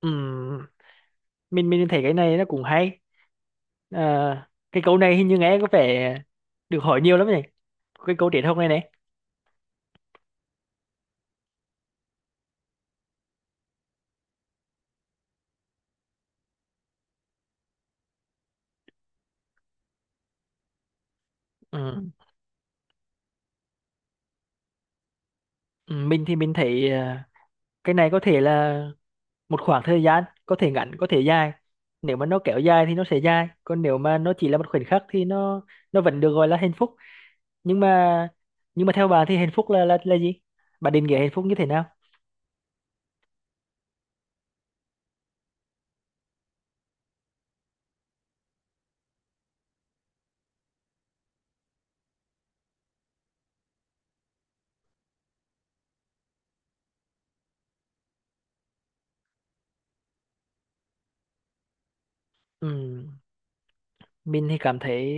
Ừ, mình thấy cái này nó cũng hay. Ờ, cái câu này hình như nghe có vẻ được hỏi nhiều lắm nhỉ, cái câu truyền thông này này. Ừ. Ừ, mình thì mình thấy cái này có thể là một khoảng thời gian, có thể ngắn có thể dài. Nếu mà nó kéo dài thì nó sẽ dài, còn nếu mà nó chỉ là một khoảnh khắc thì nó vẫn được gọi là hạnh phúc. Nhưng mà nhưng mà theo bà thì hạnh phúc là gì? Bà định nghĩa hạnh phúc như thế nào? Ừ. Mình thì cảm thấy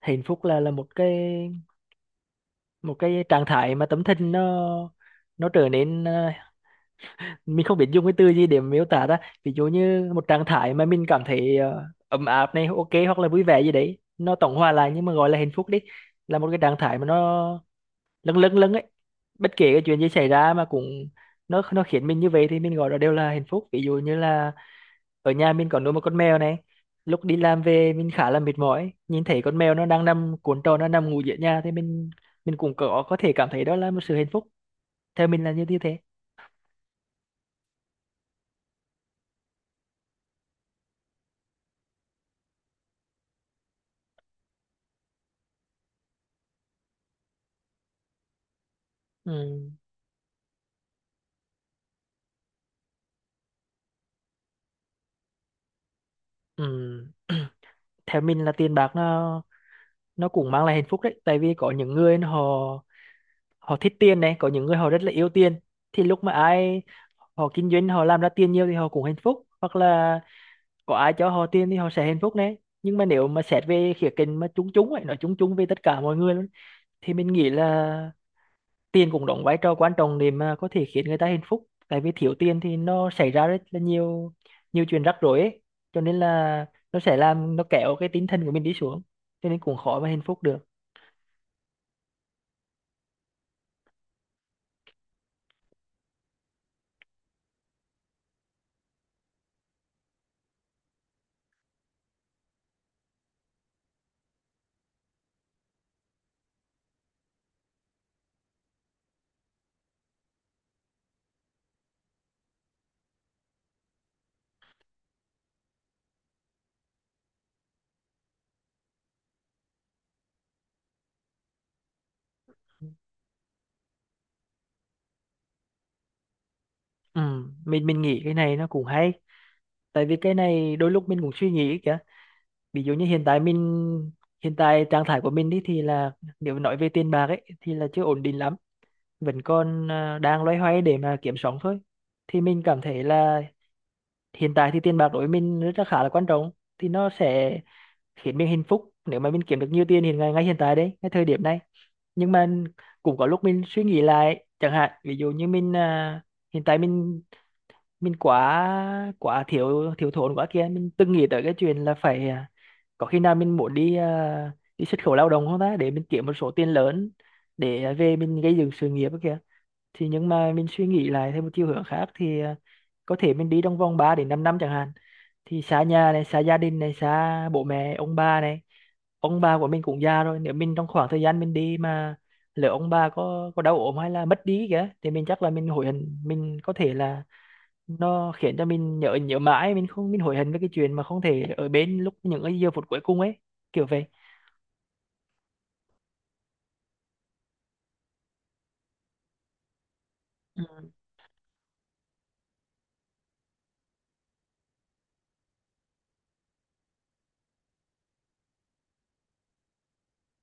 hạnh phúc là một cái trạng thái mà tấm thân nó trở nên, mình không biết dùng cái từ gì để miêu tả ra. Ví dụ như một trạng thái mà mình cảm thấy ấm áp này, ok, hoặc là vui vẻ gì đấy, nó tổng hòa lại, nhưng mà gọi là hạnh phúc đi, là một cái trạng thái mà nó lâng lâng lâng ấy. Bất kể cái chuyện gì xảy ra mà cũng, nó khiến mình như vậy, thì mình gọi đó đều là hạnh phúc. Ví dụ như là ở nhà mình có nuôi một con mèo này, lúc đi làm về mình khá là mệt mỏi, nhìn thấy con mèo nó đang nằm cuộn tròn, nó nằm ngủ giữa nhà, thì mình cũng có thể cảm thấy đó là một sự hạnh phúc. Theo mình là như như thế. Ừ. Ừ. Theo mình là tiền bạc nó cũng mang lại hạnh phúc đấy, tại vì có những người họ họ thích tiền này, có những người họ rất là yêu tiền. Thì lúc mà ai họ kinh doanh, họ làm ra tiền nhiều thì họ cũng hạnh phúc, hoặc là có ai cho họ tiền thì họ sẽ hạnh phúc đấy. Nhưng mà nếu mà xét về khía cạnh mà chung chung ấy, nói chung chung về tất cả mọi người luôn, thì mình nghĩ là tiền cũng đóng vai trò quan trọng để mà có thể khiến người ta hạnh phúc, tại vì thiếu tiền thì nó xảy ra rất là nhiều nhiều chuyện rắc rối ấy. Cho nên là nó sẽ làm, nó kéo cái tinh thần của mình đi xuống, cho nên cũng khó mà hạnh phúc được. Ừ. mình nghĩ cái này nó cũng hay, tại vì cái này đôi lúc mình cũng suy nghĩ kìa. Ví dụ như hiện tại trạng thái của mình đi thì là, nếu nói về tiền bạc ấy thì là chưa ổn định lắm, vẫn còn đang loay hoay để mà kiếm sống thôi. Thì mình cảm thấy là hiện tại thì tiền bạc đối với mình rất là khá là quan trọng. Thì nó sẽ khiến mình hạnh phúc nếu mà mình kiếm được nhiều tiền ngay ngay hiện tại đấy, ngay thời điểm này. Nhưng mà cũng có lúc mình suy nghĩ lại chẳng hạn, ví dụ như mình, hiện tại mình quá quá thiếu thiếu thốn quá kia, mình từng nghĩ tới cái chuyện là phải, có khi nào mình muốn đi, đi xuất khẩu lao động không ta, để mình kiếm một số tiền lớn để, về mình gây dựng sự nghiệp ấy kìa. Nhưng mà mình suy nghĩ lại theo một chiều hướng khác thì, có thể mình đi trong vòng 3 đến 5 năm chẳng hạn, thì xa nhà này, xa gia đình này, xa bố mẹ ông bà này. Ông bà của mình cũng già rồi, nếu mình trong khoảng thời gian mình đi mà lỡ ông bà có đau ốm hay là mất đi kìa, thì mình chắc là mình hối hận. Mình có thể là, nó khiến cho mình nhớ nhớ mãi, mình không mình hối hận với cái chuyện mà không thể ở bên lúc những cái giờ phút cuối cùng ấy, kiểu vậy. Ừ.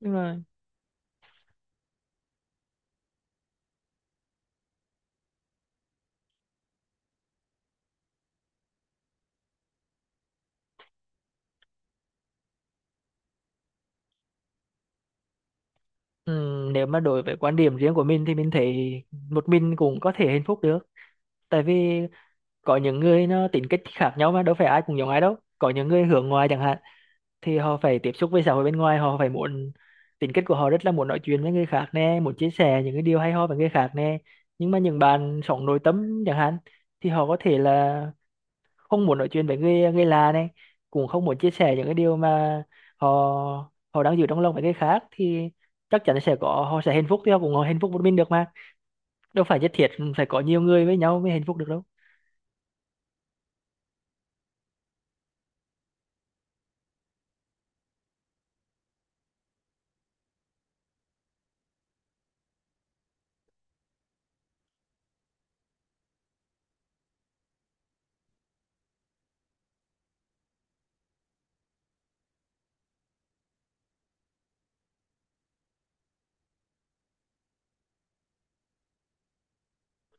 Nhưng mà nếu mà đối với quan điểm riêng của mình thì mình thấy một mình cũng có thể hạnh phúc được. Tại vì có những người nó tính cách khác nhau mà đâu phải ai cũng giống ai đâu. Có những người hướng ngoại chẳng hạn thì họ phải tiếp xúc với xã hội bên ngoài, họ phải muốn tính cách của họ rất là muốn nói chuyện với người khác nè, muốn chia sẻ những cái điều hay ho với người khác nè. Nhưng mà những bạn sống nội tâm chẳng hạn thì họ có thể là không muốn nói chuyện với người người lạ này, cũng không muốn chia sẻ những cái điều mà họ họ đang giữ trong lòng với người khác, thì chắc chắn sẽ có họ sẽ hạnh phúc, thì họ cũng hạnh phúc một mình được mà. Đâu phải nhất thiết phải có nhiều người với nhau mới hạnh phúc được đâu.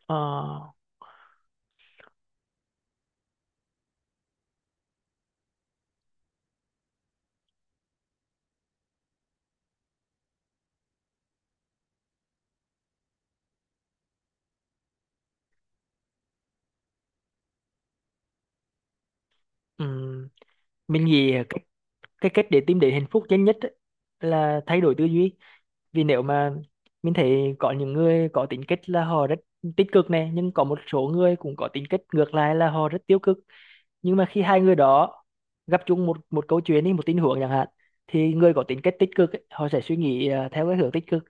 Ờ, ừm, mình nghĩ cái cách để tìm đến hạnh phúc nhanh nhất ấy là thay đổi tư duy. Vì nếu mà mình thấy có những người có tính cách là họ rất tích cực này, nhưng có một số người cũng có tính cách ngược lại là họ rất tiêu cực. Nhưng mà khi hai người đó gặp chung một một câu chuyện đi, một tình huống chẳng hạn, thì người có tính cách tích cực ấy, họ sẽ suy nghĩ theo cái hướng tích cực,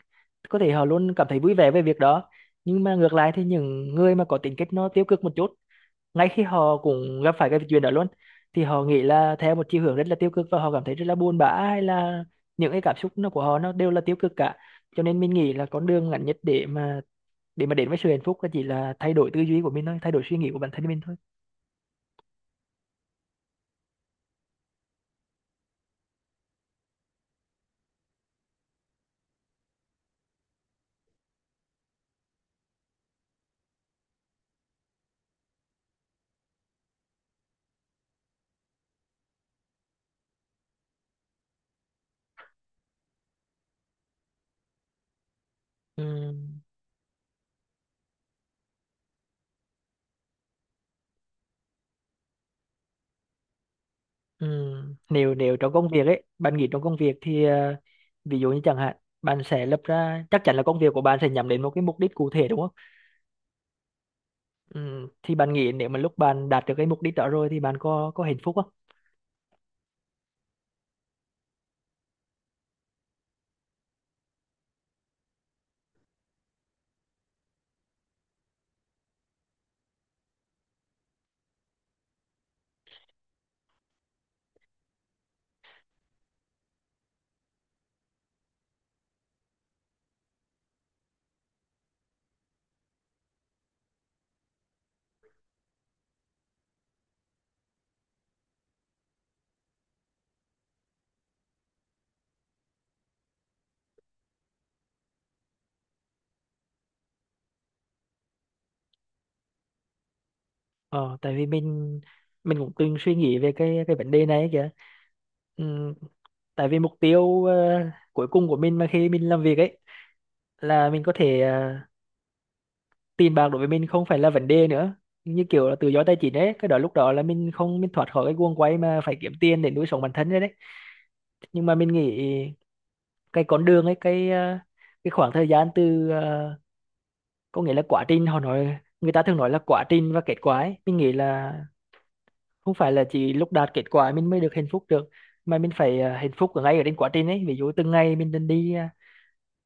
có thể họ luôn cảm thấy vui vẻ về việc đó. Nhưng mà ngược lại thì những người mà có tính cách nó tiêu cực một chút, ngay khi họ cũng gặp phải cái chuyện đó luôn, thì họ nghĩ là theo một chiều hướng rất là tiêu cực và họ cảm thấy rất là buồn bã, hay là những cái cảm xúc nó của họ nó đều là tiêu cực cả. Cho nên mình nghĩ là con đường ngắn nhất để mà đến với sự hạnh phúc là chỉ là thay đổi tư duy của mình thôi, thay đổi suy nghĩ của bản thân mình thôi. Ừ. Ừ. Nếu nếu trong công việc ấy, bạn nghĩ trong công việc thì, ví dụ như chẳng hạn, bạn sẽ lập ra, chắc chắn là công việc của bạn sẽ nhắm đến một cái mục đích cụ thể đúng không? Ừ. Thì bạn nghĩ nếu mà lúc bạn đạt được cái mục đích đó rồi thì bạn có hạnh phúc không? Ờ, Tại vì mình cũng từng suy nghĩ về cái vấn đề này ấy kìa. Ừ. Tại vì mục tiêu cuối cùng của mình mà khi mình làm việc ấy là mình có thể ờ, tiền bạc đối với mình không phải là vấn đề nữa, như kiểu là tự do tài chính ấy, cái đó lúc đó là mình không mình thoát khỏi cái guồng quay mà phải kiếm tiền để nuôi sống bản thân rồi đấy. Nhưng mà mình nghĩ cái con đường ấy, cái khoảng thời gian có nghĩa là quá trình, họ nói người ta thường nói là quá trình và kết quả ấy. Mình nghĩ là không phải là chỉ lúc đạt kết quả mình mới được hạnh phúc được, mà mình phải hạnh phúc ở ngay ở trên quá trình ấy. Ví dụ từng ngày mình đi đi ờ,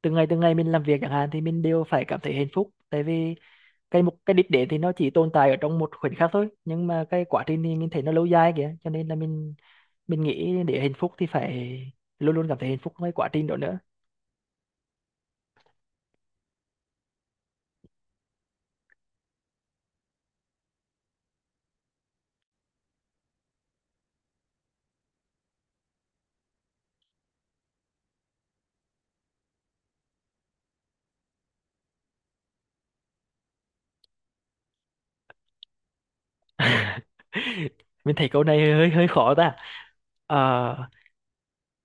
từng ngày mình làm việc chẳng hạn, thì mình đều phải cảm thấy hạnh phúc, tại vì cái đích đến thì nó chỉ tồn tại ở trong một khoảnh khắc thôi, nhưng mà cái quá trình thì mình thấy nó lâu dài kìa. Cho nên là mình nghĩ để hạnh phúc thì phải luôn luôn cảm thấy hạnh phúc với quá trình đó nữa. Mình thấy câu này hơi hơi khó ta. Ờ,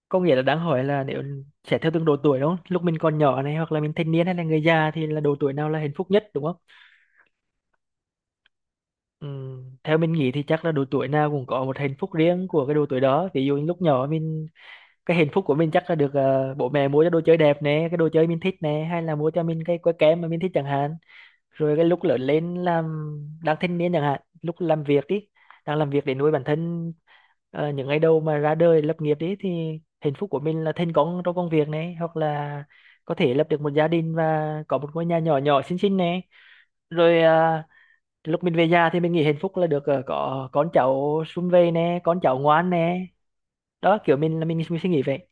có nghĩa là đang hỏi là sẽ theo từng độ tuổi đúng không, lúc mình còn nhỏ này, hoặc là mình thanh niên, hay là người già, thì là độ tuổi nào là hạnh phúc nhất đúng không? Theo mình nghĩ thì chắc là độ tuổi nào cũng có một hạnh phúc riêng của cái độ tuổi đó. Ví dụ như lúc nhỏ, cái hạnh phúc của mình chắc là được bố mẹ mua cho đồ chơi đẹp nè, cái đồ chơi mình thích nè, hay là mua cho mình cái que kem mà mình thích chẳng hạn. Rồi cái lúc lớn lên, đang thanh niên chẳng hạn, lúc làm việc đi đang làm việc để nuôi bản thân, những ngày đầu mà ra đời lập nghiệp đi, thì hạnh phúc của mình là thành công trong công việc này, hoặc là có thể lập được một gia đình và có một ngôi nhà nhỏ nhỏ xinh xinh này. Rồi lúc mình về già thì mình nghĩ hạnh phúc là được có con cháu sum vầy nè, con cháu ngoan nè. Đó, kiểu mình suy nghĩ vậy.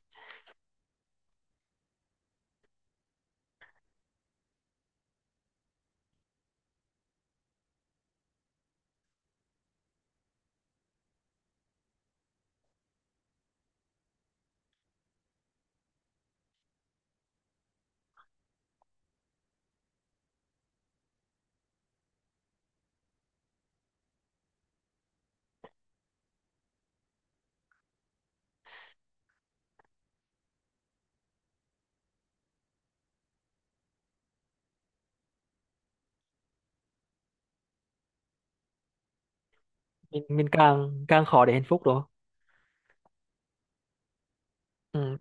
Mình càng càng khó để hạnh phúc đó. Ừ,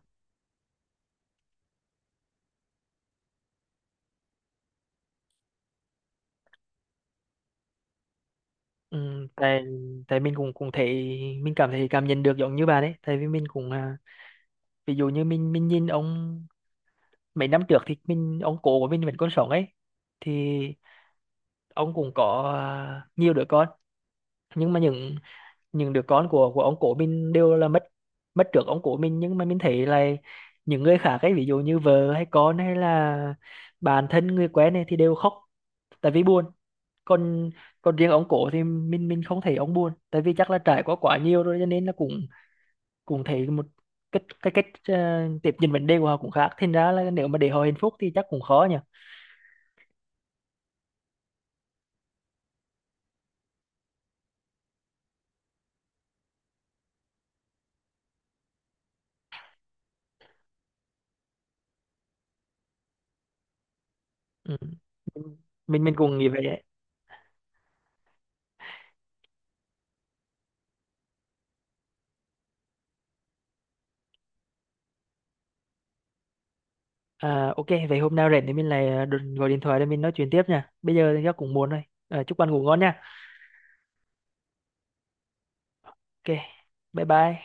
ừ, tại tại mình cũng cũng thấy, mình cảm thấy, cảm nhận được giống như bạn ấy, tại vì mình cũng, ví dụ như mình nhìn ông mấy năm trước, thì ông cố của mình vẫn còn sống ấy. Thì ông cũng có nhiều đứa con. Nhưng mà những đứa con của ông cố mình đều là mất mất trước ông cố mình. Nhưng mà mình thấy là những người khác ấy, ví dụ như vợ hay con hay là bạn thân người quen này, thì đều khóc tại vì buồn. Còn còn riêng ông cổ thì mình không thấy ông buồn, tại vì chắc là trải qua quá nhiều rồi, cho nên là cũng cũng thấy một cái cách tiếp nhận vấn đề của họ cũng khác. Thành ra là nếu mà để họ hạnh phúc thì chắc cũng khó nhỉ. Ừ. mình mình cũng nghĩ vậy đấy. Ok, vậy hôm nào rảnh thì mình lại đừng gọi điện thoại để mình nói chuyện tiếp nha. Bây giờ thì chắc cũng muộn rồi. Chúc bạn ngủ ngon nha. Ok, bye bye.